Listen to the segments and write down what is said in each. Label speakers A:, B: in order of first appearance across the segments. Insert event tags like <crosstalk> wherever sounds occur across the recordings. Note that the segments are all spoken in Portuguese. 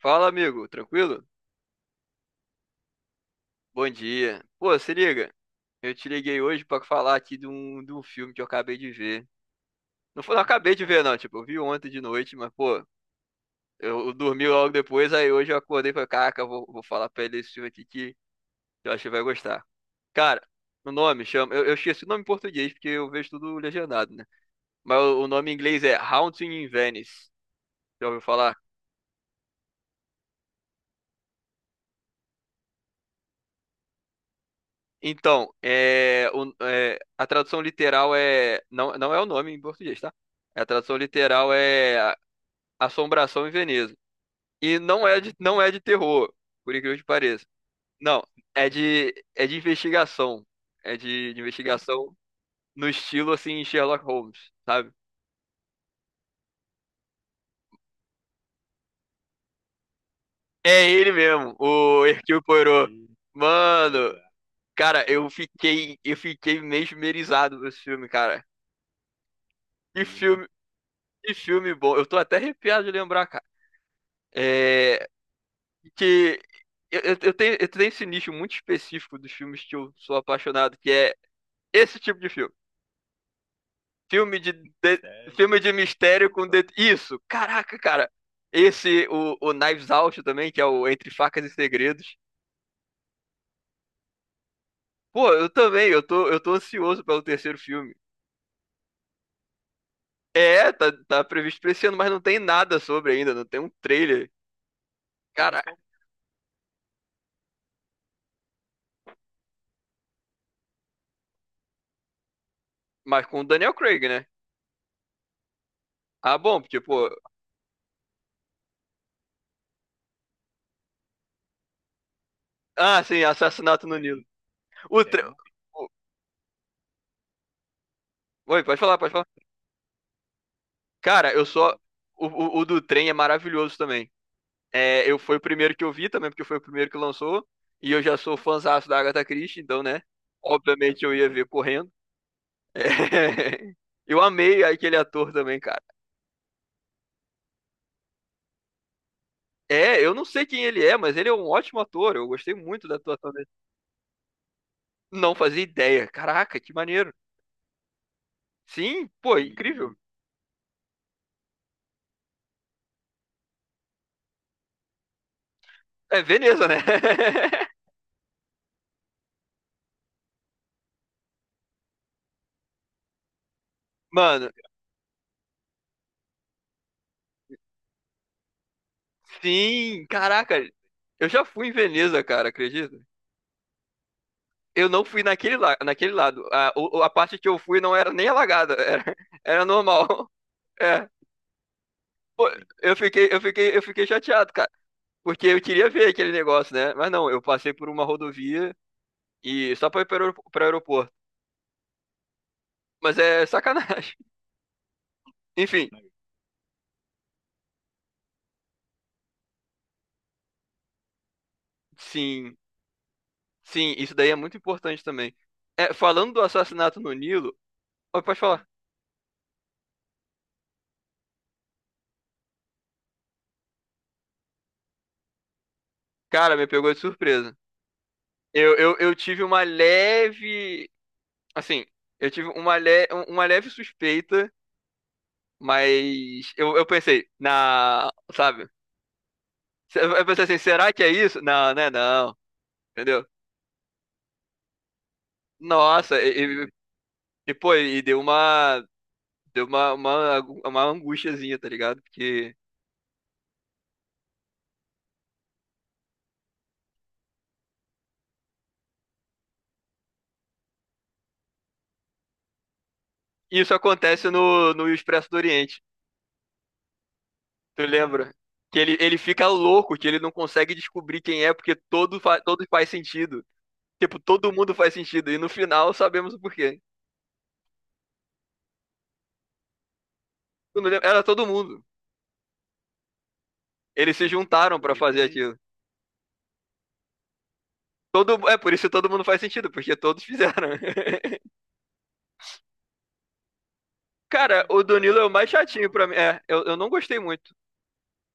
A: Fala, amigo, tranquilo? Bom dia. Pô, se liga, eu te liguei hoje pra falar aqui de um filme que eu acabei de ver. Não foi, não acabei de ver, não, tipo, eu vi ontem de noite, mas, pô, eu dormi logo depois, aí hoje eu acordei e falei, caraca, eu vou falar pra ele esse filme aqui que eu acho que vai gostar. Cara, o nome chama, eu esqueci o nome em português porque eu vejo tudo legendado, né? Mas o nome em inglês é Haunting in Venice. Já ouviu falar? Então, é, a tradução literal é. Não, não é o nome em português, tá? A tradução literal é Assombração em Veneza. E não é de terror, por incrível que pareça. Não, é de investigação. É de investigação no estilo assim Sherlock Holmes, sabe? É ele mesmo, o Hercule Poirot. Mano, cara, eu fiquei mesmerizado com esse filme, cara. Que filme, que filme bom. Eu tô até arrepiado de lembrar, cara. É, que eu tenho esse nicho muito específico dos filmes que eu sou apaixonado, que é esse tipo de filme. Sério? Filme de mistério com isso. Caraca, cara. Esse o Knives Out também, que é o Entre Facas e Segredos. Pô, eu também, eu tô ansioso pelo terceiro filme. É, tá previsto pra esse ano, mas não tem nada sobre ainda, não tem um trailer. Mas cara, qual mas com o Daniel Craig, né? Ah, bom, porque, pô. Ah, sim, Assassinato no Nilo. O, é bom? Oi, pode falar, pode falar. Cara, eu só. O do trem é maravilhoso também. É, eu foi o primeiro que eu vi também, porque foi o primeiro que lançou. E eu já sou fãzaço da Agatha Christie, então, né? Obviamente eu ia ver correndo. É. <laughs> Eu amei aquele ator também, cara. É, eu não sei quem ele é, mas ele é um ótimo ator. Eu gostei muito da atuação dele. Não fazia ideia. Caraca, que maneiro. Sim, pô, incrível. É Veneza, né? <laughs> Mano, sim, caraca. Eu já fui em Veneza, cara, acredita? Eu não fui naquele lado. A parte que eu fui não era nem alagada, <laughs> era normal. É. Pô, eu fiquei chateado, cara. Porque eu queria ver aquele negócio, né? Mas não, eu passei por uma rodovia e só pra ir para o aeroporto. Mas é sacanagem. <laughs> Enfim, sim, sim, isso daí é muito importante também. É, falando do Assassinato no Nilo, ó, pode falar. Cara, me pegou de surpresa. Eu tive uma leve, assim, eu tive uma, le, uma leve suspeita. Mas eu pensei, sabe? Eu pensei assim, será que é isso? Não, não é não, entendeu? Nossa, e, pô, e deu uma angustiazinha, tá ligado? Porque isso acontece no Expresso do Oriente, tu lembra? Que ele fica louco, que ele não consegue descobrir quem é, porque todo faz sentido. Tipo, todo mundo faz sentido, e no final sabemos o porquê. Tu não lembra? Era todo mundo. Eles se juntaram pra fazer aquilo. É por isso todo mundo faz sentido, porque todos fizeram. <laughs> Cara, o Danilo é o mais chatinho pra mim. É, eu não gostei muito.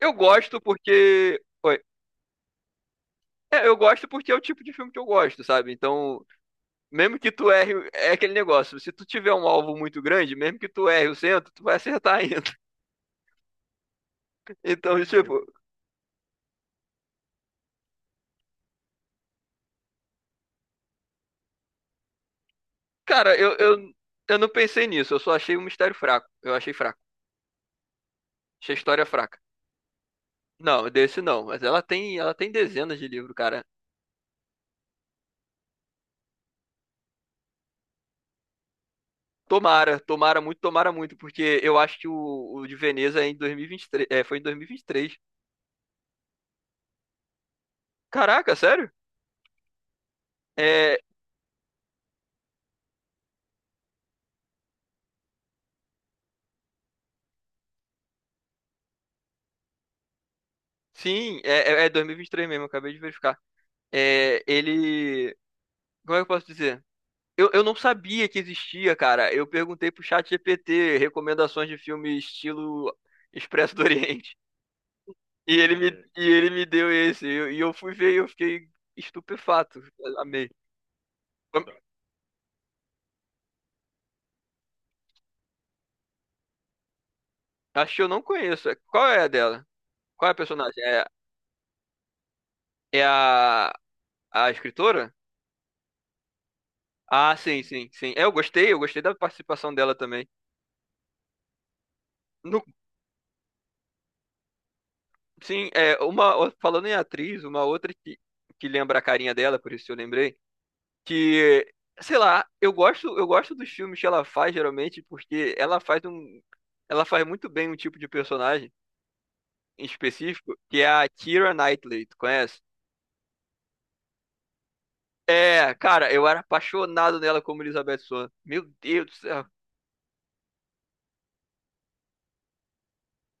A: Eu gosto porque. Oi. É, eu gosto porque é o tipo de filme que eu gosto, sabe? Então, mesmo que tu erre, é aquele negócio. Se tu tiver um alvo muito grande, mesmo que tu erre o centro, tu vai acertar ainda. <laughs> Então, tipo, cara, eu não pensei nisso. Eu só achei o mistério fraco. Eu achei fraco. Achei a história fraca. Não, desse não. Mas ela tem dezenas de livros, cara. Tomara, tomara muito, porque eu acho que o de Veneza é em 2023, é, foi em 2023. Caraca, sério? É, sim, é 2023 mesmo, acabei de verificar. É, ele, como é que eu posso dizer? Eu não sabia que existia, cara. Eu perguntei pro chat GPT recomendações de filme estilo Expresso do Oriente. E ele me deu esse. E eu fui ver e eu fiquei estupefato. Amei. Tá. Acho que eu não conheço. Qual é a dela? Qual é a personagem? É a escritora? Ah, sim, sim, sim. É, eu gostei da participação dela também. No- sim, falando em atriz, uma outra que lembra a carinha dela, por isso eu lembrei, que sei lá, eu gosto dos filmes que ela faz geralmente porque ela faz muito bem um tipo de personagem em específico, que é a Keira Knightley, tu conhece? É, cara, eu era apaixonado nela como Elizabeth Swann. Meu Deus do céu.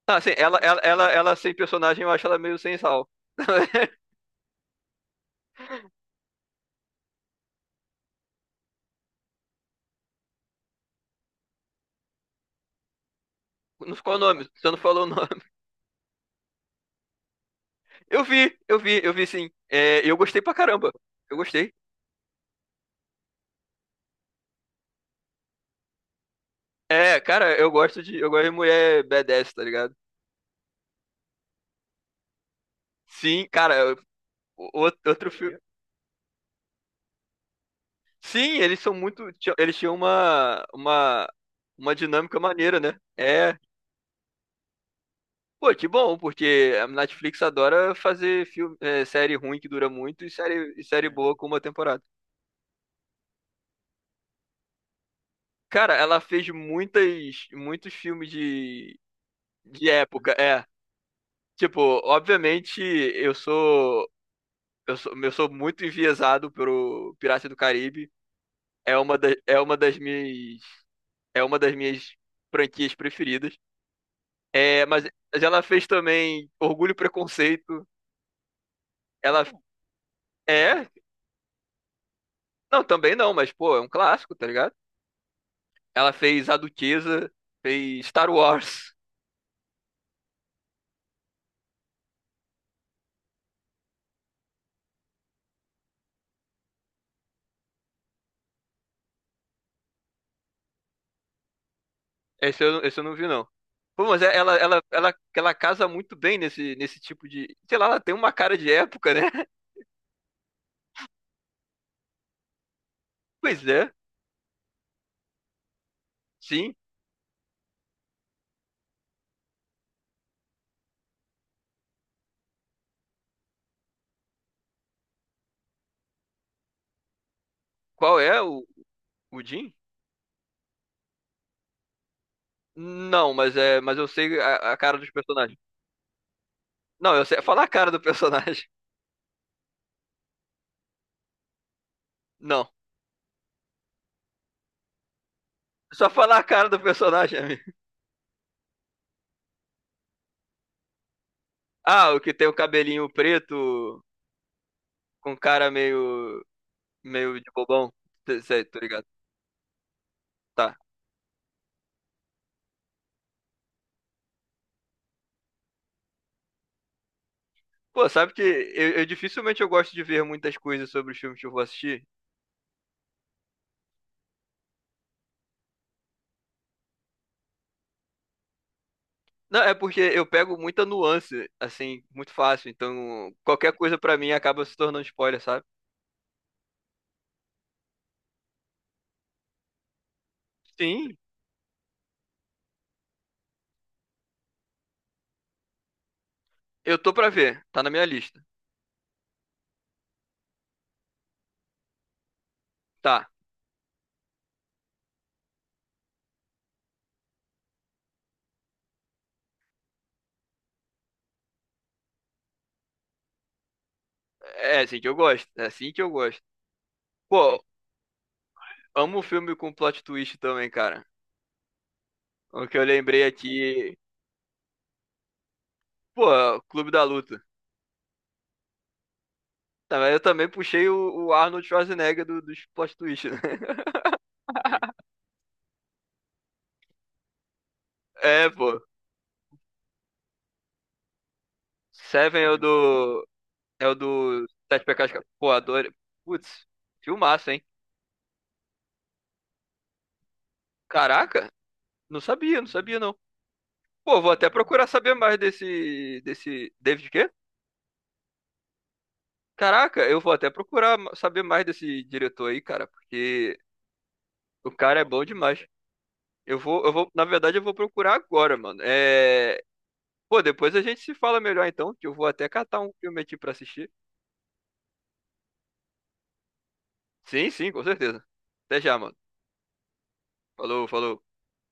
A: Ah, sim, ela sem personagem, eu acho ela meio sem sal. <laughs> Não ficou o nome, você não falou o nome. Eu vi, eu vi, eu vi sim. É, eu gostei pra caramba. Eu gostei. É, cara, eu gosto de. Eu gosto de mulher badass, tá ligado? Sim, cara, outro filme. Sim, eles são muito. Eles tinham uma dinâmica maneira, né? É. Pô, que bom, porque a Netflix adora fazer filme, é, série ruim que dura muito e série boa com uma temporada. Cara, ela fez muitas, muitos filmes de época, é. Tipo, obviamente eu sou muito enviesado pelo Pirata do Caribe. É uma da, é uma das minhas, é uma das minhas franquias preferidas. É, mas ela fez também Orgulho e Preconceito. Ela é, não, também não, mas pô, é um clássico, tá ligado? Ela fez A Duquesa, fez Star Wars. Esse eu não vi, não. Pô, mas ela casa muito bem nesse, nesse tipo de. Sei lá, ela tem uma cara de época, né? <laughs> Pois é, sim. Qual é o Jim? Não, mas é, mas eu sei a cara dos personagens. Não, eu sei. Falar a cara do personagem. <laughs> Não. Só falar a cara do personagem, <laughs> amigo. Ah, o que tem o cabelinho preto com cara meio de bobão. Sei, sei, tô ligado. Tá. Pô, sabe que eu dificilmente eu gosto de ver muitas coisas sobre os filmes que eu vou assistir. Não, é porque eu pego muita nuance, assim, muito fácil. Então, qualquer coisa pra mim acaba se tornando spoiler, sabe? Sim, eu tô pra ver. Tá na minha lista. Tá. É assim que eu gosto. É assim que eu gosto. Pô, amo filme com plot twist também, cara. O que eu lembrei aqui. Pô, Clube da Luta. Tá, mas eu também puxei o Arnold Schwarzenegger dos plot twist, né? <laughs> É, pô. Seven é o do. É o do Sete Pecados. Pô, adorei. Putz, filmaço, hein? Caraca, não sabia, não sabia não. Pô, vou até procurar saber mais desse David quê? Caraca, eu vou até procurar saber mais desse diretor aí, cara, porque o cara é bom demais. Eu vou, na verdade, eu vou procurar agora, mano. É, pô, depois a gente se fala melhor então, que eu vou até catar um filme aqui pra assistir. Sim, sim, com certeza. Até já, mano. Falou, falou.